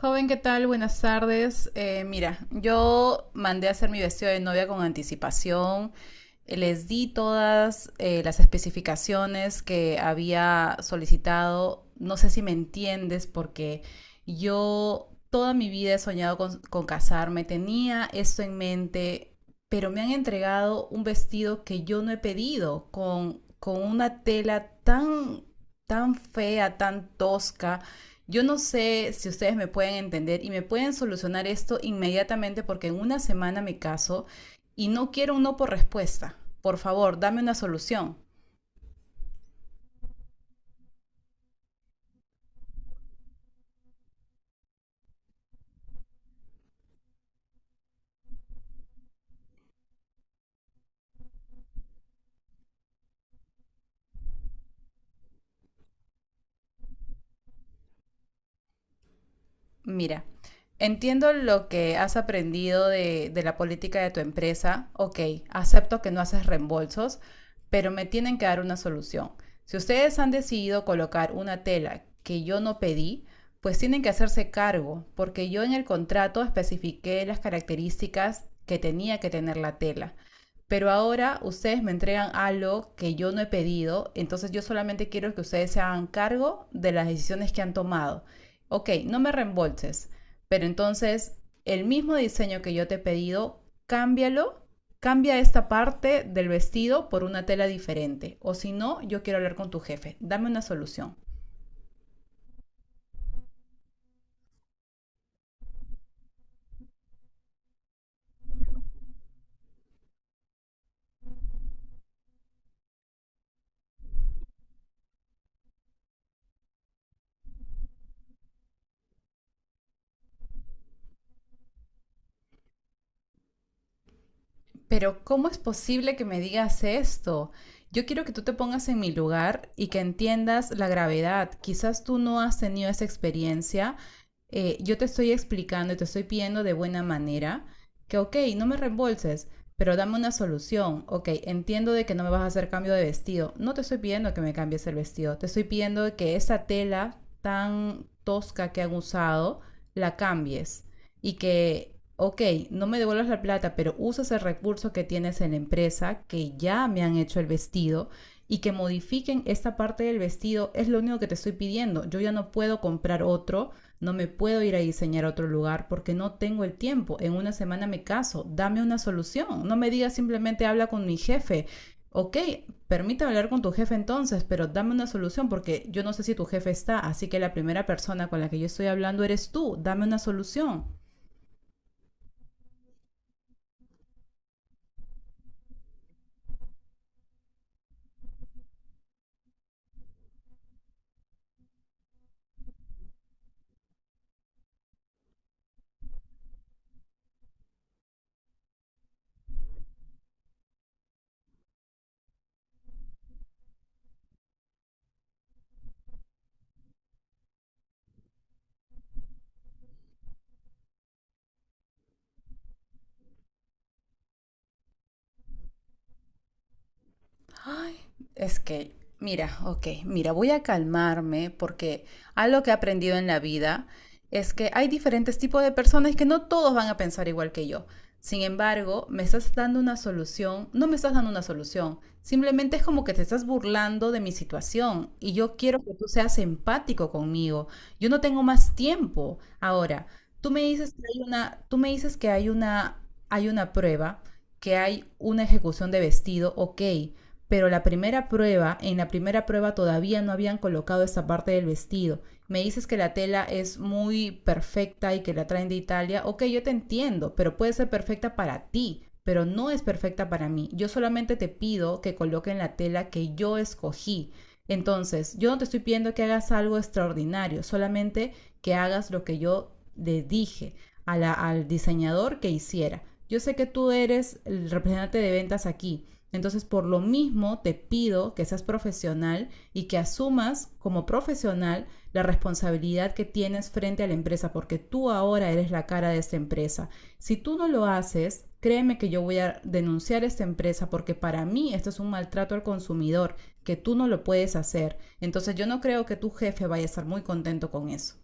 Joven, ¿qué tal? Buenas tardes. Mira, yo mandé a hacer mi vestido de novia con anticipación. Les di todas las especificaciones que había solicitado. No sé si me entiendes porque yo toda mi vida he soñado con casarme. Tenía esto en mente, pero me han entregado un vestido que yo no he pedido con una tela tan, tan fea, tan tosca. Yo no sé si ustedes me pueden entender y me pueden solucionar esto inmediatamente, porque en una semana me caso y no quiero un no por respuesta. Por favor, dame una solución. Mira, entiendo lo que has aprendido de la política de tu empresa. Ok, acepto que no haces reembolsos, pero me tienen que dar una solución. Si ustedes han decidido colocar una tela que yo no pedí, pues tienen que hacerse cargo, porque yo en el contrato especifiqué las características que tenía que tener la tela. Pero ahora ustedes me entregan algo que yo no he pedido, entonces yo solamente quiero que ustedes se hagan cargo de las decisiones que han tomado. Ok, no me reembolses, pero entonces el mismo diseño que yo te he pedido, cámbialo, cambia esta parte del vestido por una tela diferente, o si no, yo quiero hablar con tu jefe, dame una solución. Pero ¿cómo es posible que me digas esto? Yo quiero que tú te pongas en mi lugar y que entiendas la gravedad. Quizás tú no has tenido esa experiencia. Yo te estoy explicando y te estoy pidiendo de buena manera que, ok, no me reembolses, pero dame una solución. Ok, entiendo de que no me vas a hacer cambio de vestido. No te estoy pidiendo que me cambies el vestido. Te estoy pidiendo que esa tela tan tosca que han usado la cambies y que, ok, no me devuelvas la plata, pero usas el recurso que tienes en la empresa, que ya me han hecho el vestido, y que modifiquen esta parte del vestido, es lo único que te estoy pidiendo. Yo ya no puedo comprar otro, no me puedo ir a diseñar a otro lugar porque no tengo el tiempo. En una semana me caso, dame una solución. No me digas simplemente habla con mi jefe. Ok, permítame hablar con tu jefe entonces, pero dame una solución, porque yo no sé si tu jefe está, así que la primera persona con la que yo estoy hablando eres tú, dame una solución. Ay, es que, mira, ok, mira, voy a calmarme porque algo que he aprendido en la vida es que hay diferentes tipos de personas que no todos van a pensar igual que yo. Sin embargo, me estás dando una solución, no me estás dando una solución, simplemente es como que te estás burlando de mi situación y yo quiero que tú seas empático conmigo. Yo no tengo más tiempo. Ahora, tú me dices que hay una, tú me dices que hay una prueba, que hay una ejecución de vestido, ok, pero en la primera prueba todavía no habían colocado esa parte del vestido. Me dices que la tela es muy perfecta y que la traen de Italia. Ok, yo te entiendo, pero puede ser perfecta para ti, pero no es perfecta para mí. Yo solamente te pido que coloquen la tela que yo escogí. Entonces, yo no te estoy pidiendo que hagas algo extraordinario, solamente que hagas lo que yo le dije al diseñador que hiciera. Yo sé que tú eres el representante de ventas aquí, entonces, por lo mismo, te pido que seas profesional y que asumas como profesional la responsabilidad que tienes frente a la empresa, porque tú ahora eres la cara de esta empresa. Si tú no lo haces, créeme que yo voy a denunciar a esta empresa, porque para mí esto es un maltrato al consumidor, que tú no lo puedes hacer. Entonces, yo no creo que tu jefe vaya a estar muy contento con eso.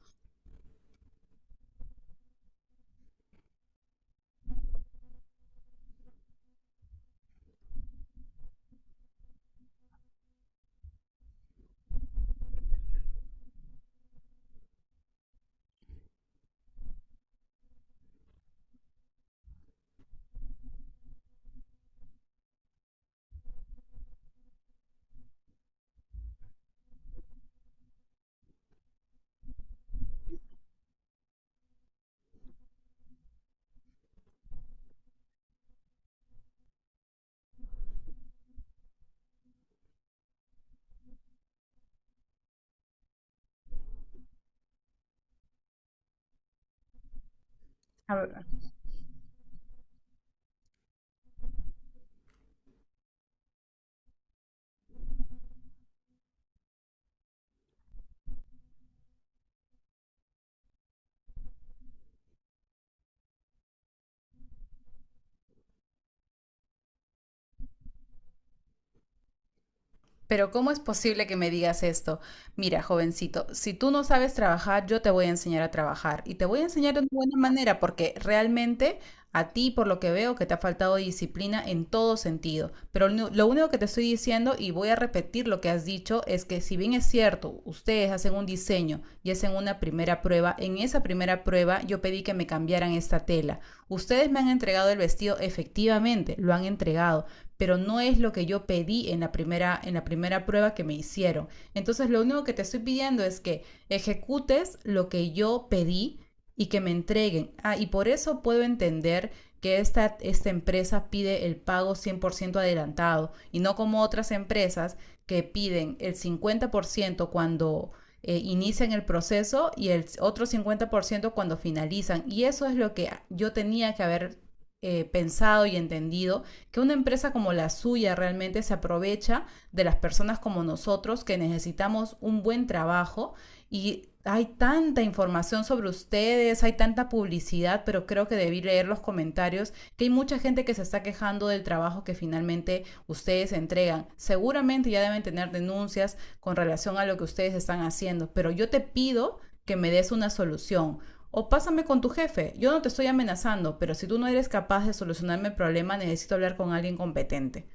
Pero ¿cómo es posible que me digas esto? Mira, jovencito, si tú no sabes trabajar, yo te voy a enseñar a trabajar y te voy a enseñar de una buena manera, porque realmente a ti, por lo que veo, que te ha faltado disciplina en todo sentido. Pero lo único que te estoy diciendo, y voy a repetir lo que has dicho, es que si bien es cierto, ustedes hacen un diseño y hacen una primera prueba, en esa primera prueba yo pedí que me cambiaran esta tela. Ustedes me han entregado el vestido, efectivamente, lo han entregado, pero no es lo que yo pedí en en la primera prueba que me hicieron. Entonces lo único que te estoy pidiendo es que ejecutes lo que yo pedí y que me entreguen. Ah, y por eso puedo entender que esta empresa pide el pago 100% adelantado y no como otras empresas que piden el 50% cuando inician el proceso y el otro 50% cuando finalizan. Y eso es lo que yo tenía que haber pensado y entendido, que una empresa como la suya realmente se aprovecha de las personas como nosotros que necesitamos un buen trabajo, y hay tanta información sobre ustedes, hay tanta publicidad, pero creo que debí leer los comentarios, que hay mucha gente que se está quejando del trabajo que finalmente ustedes entregan. Seguramente ya deben tener denuncias con relación a lo que ustedes están haciendo, pero yo te pido que me des una solución. O pásame con tu jefe. Yo no te estoy amenazando, pero si tú no eres capaz de solucionarme el problema, necesito hablar con alguien competente.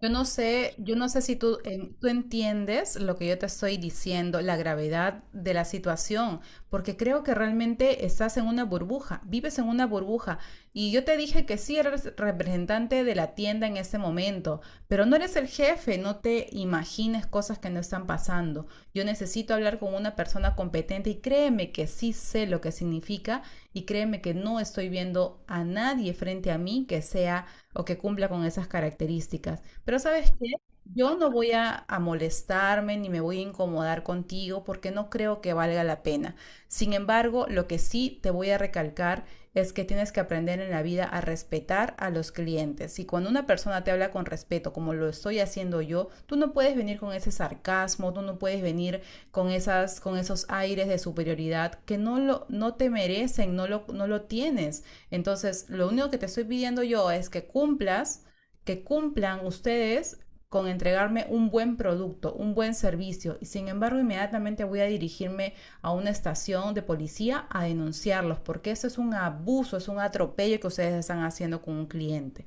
Yo no sé si tú, tú entiendes lo que yo te estoy diciendo, la gravedad de la situación, porque creo que realmente estás en una burbuja, vives en una burbuja. Y yo te dije que sí eres representante de la tienda en este momento, pero no eres el jefe, no te imagines cosas que no están pasando. Yo necesito hablar con una persona competente y créeme que sí sé lo que significa y créeme que no estoy viendo a nadie frente a mí que sea o que cumpla con esas características. Pero ¿sabes qué? Yo no voy a molestarme ni me voy a incomodar contigo porque no creo que valga la pena. Sin embargo, lo que sí te voy a recalcar es que tienes que aprender en la vida a respetar a los clientes. Y cuando una persona te habla con respeto, como lo estoy haciendo yo, tú no puedes venir con ese sarcasmo, tú no puedes venir con con esos aires de superioridad que no te merecen, no lo tienes. Entonces, lo único que te estoy pidiendo yo es que cumplas que cumplan ustedes con entregarme un buen producto, un buen servicio, y sin embargo inmediatamente voy a dirigirme a una estación de policía a denunciarlos, porque eso es un abuso, es un atropello que ustedes están haciendo con un cliente.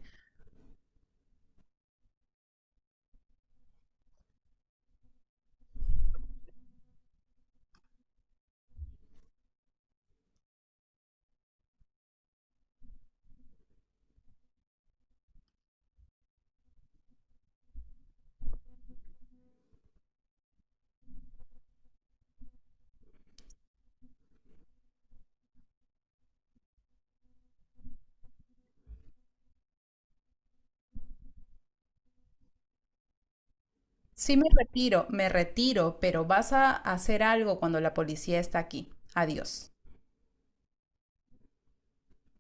Sí me retiro, pero vas a hacer algo cuando la policía está aquí. Adiós.